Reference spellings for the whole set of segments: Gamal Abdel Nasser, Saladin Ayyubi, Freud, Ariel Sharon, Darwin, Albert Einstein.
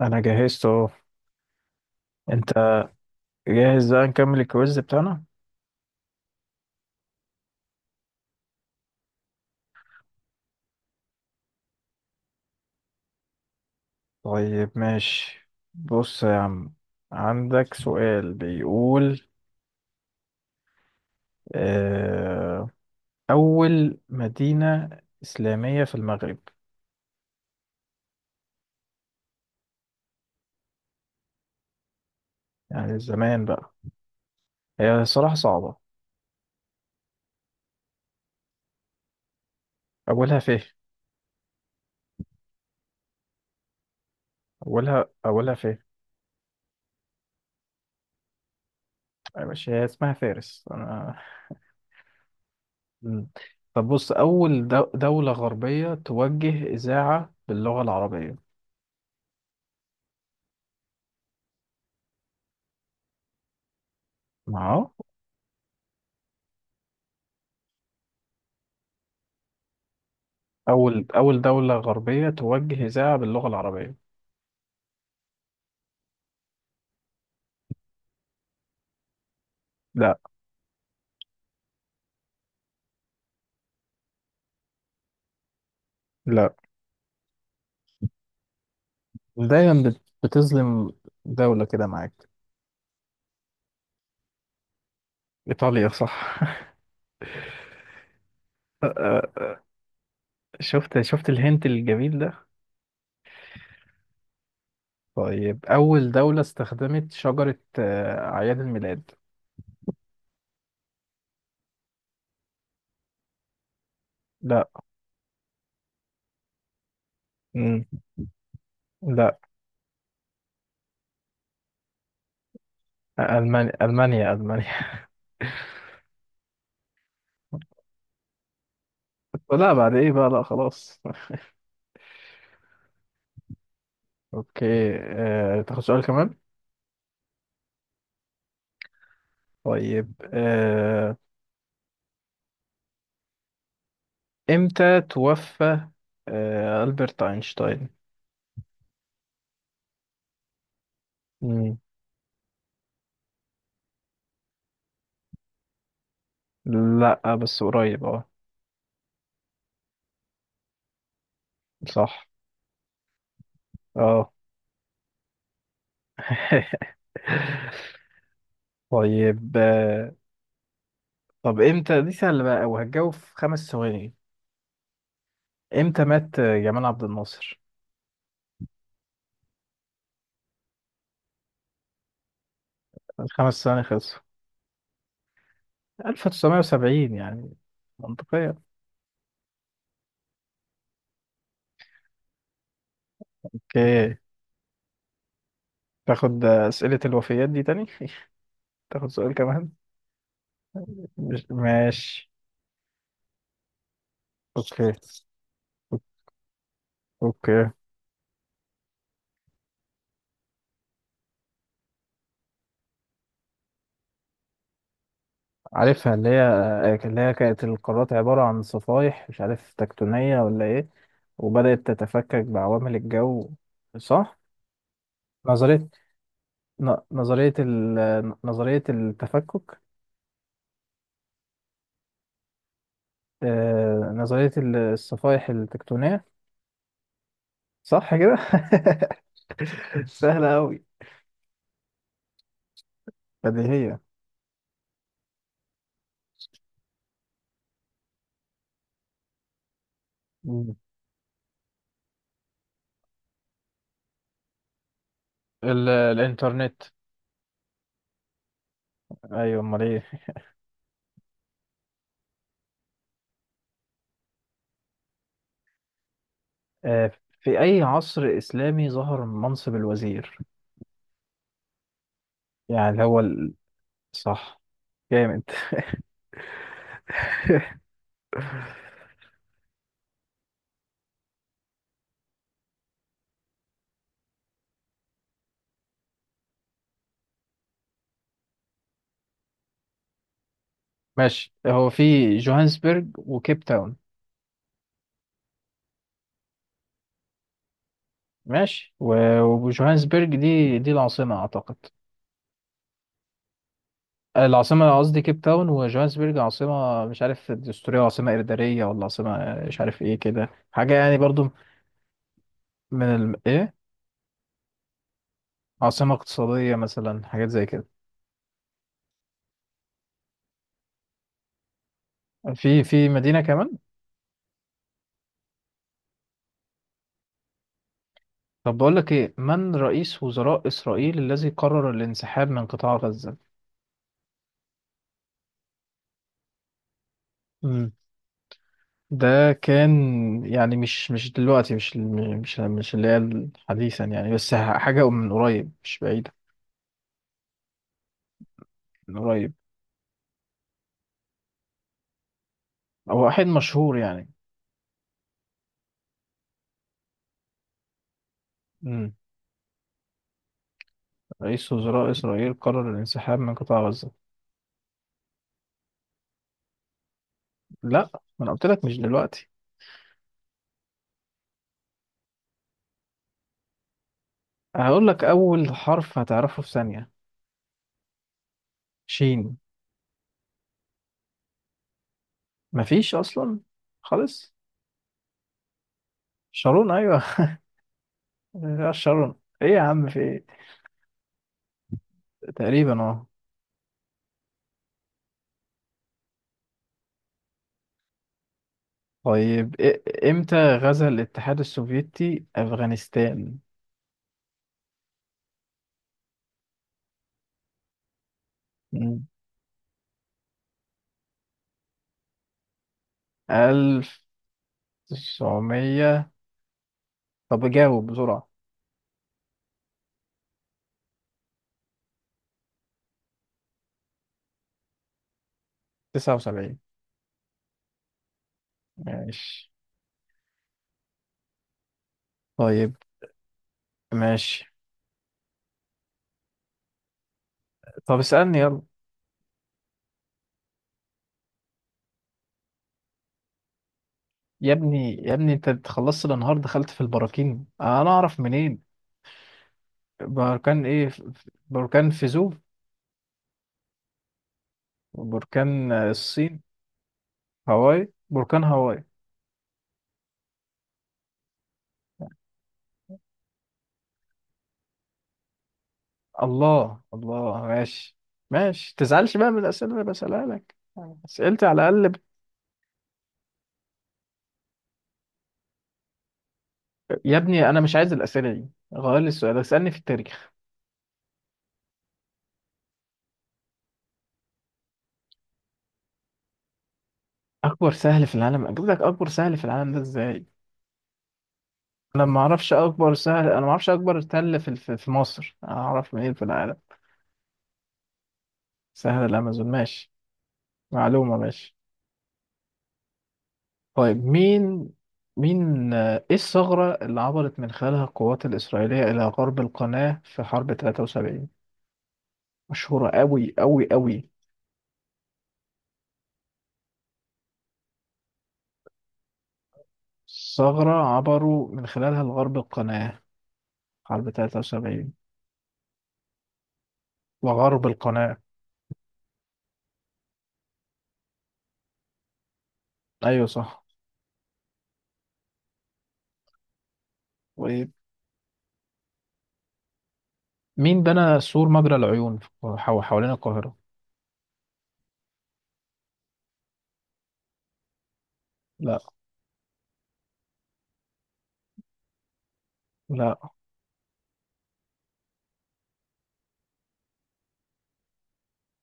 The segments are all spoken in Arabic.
انا جهزت اهو. انت؟ جاهز، بقى نكمل الكويز بتاعنا؟ طيب، ماشي، بص يا عم، عندك سؤال بيقول آه، اول مدينة اسلامية في المغرب؟ يعني زمان بقى. هي الصراحة صعبة. اولها فين؟ اولها فين يا باشا؟ هي اسمها فارس انا. مم. طب بص، اول دولة غربية توجه اذاعة باللغة العربية؟ ما، أول دولة غربية توجه إذاعة باللغة العربية. لا. لا، دايما بتظلم دولة كده معاك. إيطاليا، صح. شفت الهنت الجميل ده؟ طيب، أول دولة استخدمت شجرة أعياد الميلاد؟ لا. مم. لا. ألمانيا، ألمانيا، ألمانيا. لا، بعد إيه بقى؟ لا، خلاص. أوكي. تاخد سؤال كمان؟ طيب. إمتى توفى ألبرت أينشتاين؟ لا، بس قريب، اه. صح. اه. طيب. طب امتى، دي سهلة بقى وهتجاوب في 5 ثواني. امتى مات جمال عبد الناصر؟ الخمس ثواني خلصوا. 1970، يعني منطقية. اوكي. تاخد أسئلة الوفيات دي تاني؟ تاخد سؤال كمان؟ مش ماشي. اوكي، اوكي. عارفها اللي هي. كانت القارات عبارة عن صفائح مش عارف تكتونية ولا ايه، وبدأت تتفكك بعوامل الجو. صح؟ نظرية. نظرية نظرية التفكك. نظرية الصفائح التكتونية. صح كده؟ سهلة أوي. بديهية. مم. الإنترنت. أيوة، أمال إيه. آه. في أي عصر إسلامي ظهر منصب الوزير؟ يعني هو. صح. جامد. ماشي، هو في جوهانسبرج وكيب تاون. ماشي. وجوهانسبرج دي العاصمة أعتقد. العاصمة، قصدي كيب تاون. وجوهانسبرج عاصمة، مش عارف دستورية، وعاصمة إدارية، ولا عاصمة مش عارف إيه كده، حاجة يعني برضو. من إيه؟ عاصمة اقتصادية مثلا، حاجات زي كده. في مدينة كمان. طب بقول لك إيه، من رئيس وزراء إسرائيل الذي قرر الانسحاب من قطاع غزة؟ ده كان، يعني مش دلوقتي، مش الم- مش مش اللي هي حديثا يعني، بس حاجة من قريب مش بعيدة. من قريب. هو واحد مشهور يعني. مم. رئيس وزراء إسرائيل قرر الانسحاب من قطاع غزة. لا. ما أنا قلت لك مش دلوقتي. هقول لك أول حرف هتعرفه في ثانية. شين. مفيش أصلا، خالص. شارون، أيوه. يا شارون، إيه يا عم، في إيه؟ تقريبا، أه. طيب، إمتى غزا الاتحاد السوفيتي أفغانستان؟ 1900. طب جاوب بسرعة. 79. ماشي. طيب. ماشي. طب اسألني يلا. يا ابني، يا ابني، انت خلصت الانهار دخلت في البراكين، انا اعرف منين؟ بركان ايه؟ بركان فيزوف. بركان الصين. هاواي، بركان هاواي. الله، الله، ماشي. ماشي، تزعلش بقى من الأسئلة اللي بسألها لك. أسئلتي على الأقل. يا ابني، أنا مش عايز الأسئلة دي، غير لي السؤال، اسألني في التاريخ. اكبر سهل في العالم؟ بقولك اكبر سهل في العالم ده ازاي؟ انا ما اعرفش اكبر سهل، انا ما اعرفش اكبر تل في مصر، انا اعرف منين في العالم؟ سهل الامازون، ماشي. معلومة، ماشي. طيب، مين. مين ايه الثغرة اللي عبرت من خلالها القوات الاسرائيلية الى غرب القناة في حرب 73؟ مشهورة قوي قوي قوي. ثغرة عبروا من خلالها لغرب القناة، حرب 73، وغرب القناة. ايوه، صح. و مين بنى سور مجرى العيون حوالين القاهرة؟ لا. لا،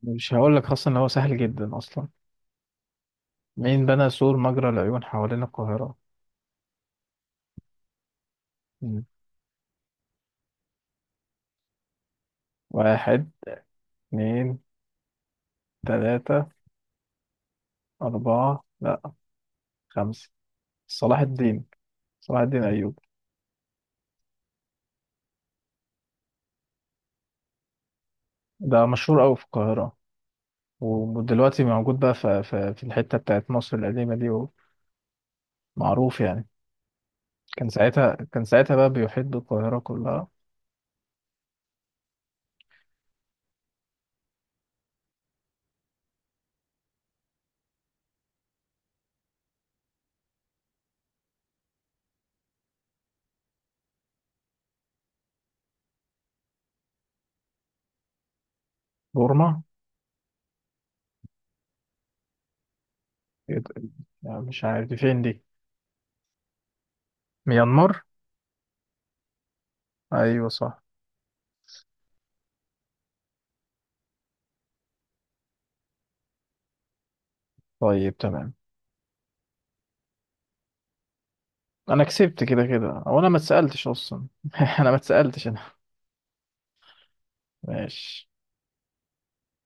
مش هقول لك، خاصة ان هو سهل جدا اصلا. مين بنى سور مجرى العيون حوالين القاهرة؟ مم. واحد، اتنين، تلاتة، أربعة، لا، خمسة. صلاح الدين. صلاح الدين أيوب. ده مشهور أوي في القاهرة، ودلوقتي موجود بقى في الحتة بتاعت مصر القديمة دي، ومعروف يعني. كان ساعتها بقى بيحيط بالقاهرة كلها. بورما. يد- يعني مش عارف دي فين دي. ميانمار. ايوه، صح. طيب، تمام. انا كسبت كده كده، او انا ما اتسالتش اصلا. انا ما اتسالتش انا. ماشي.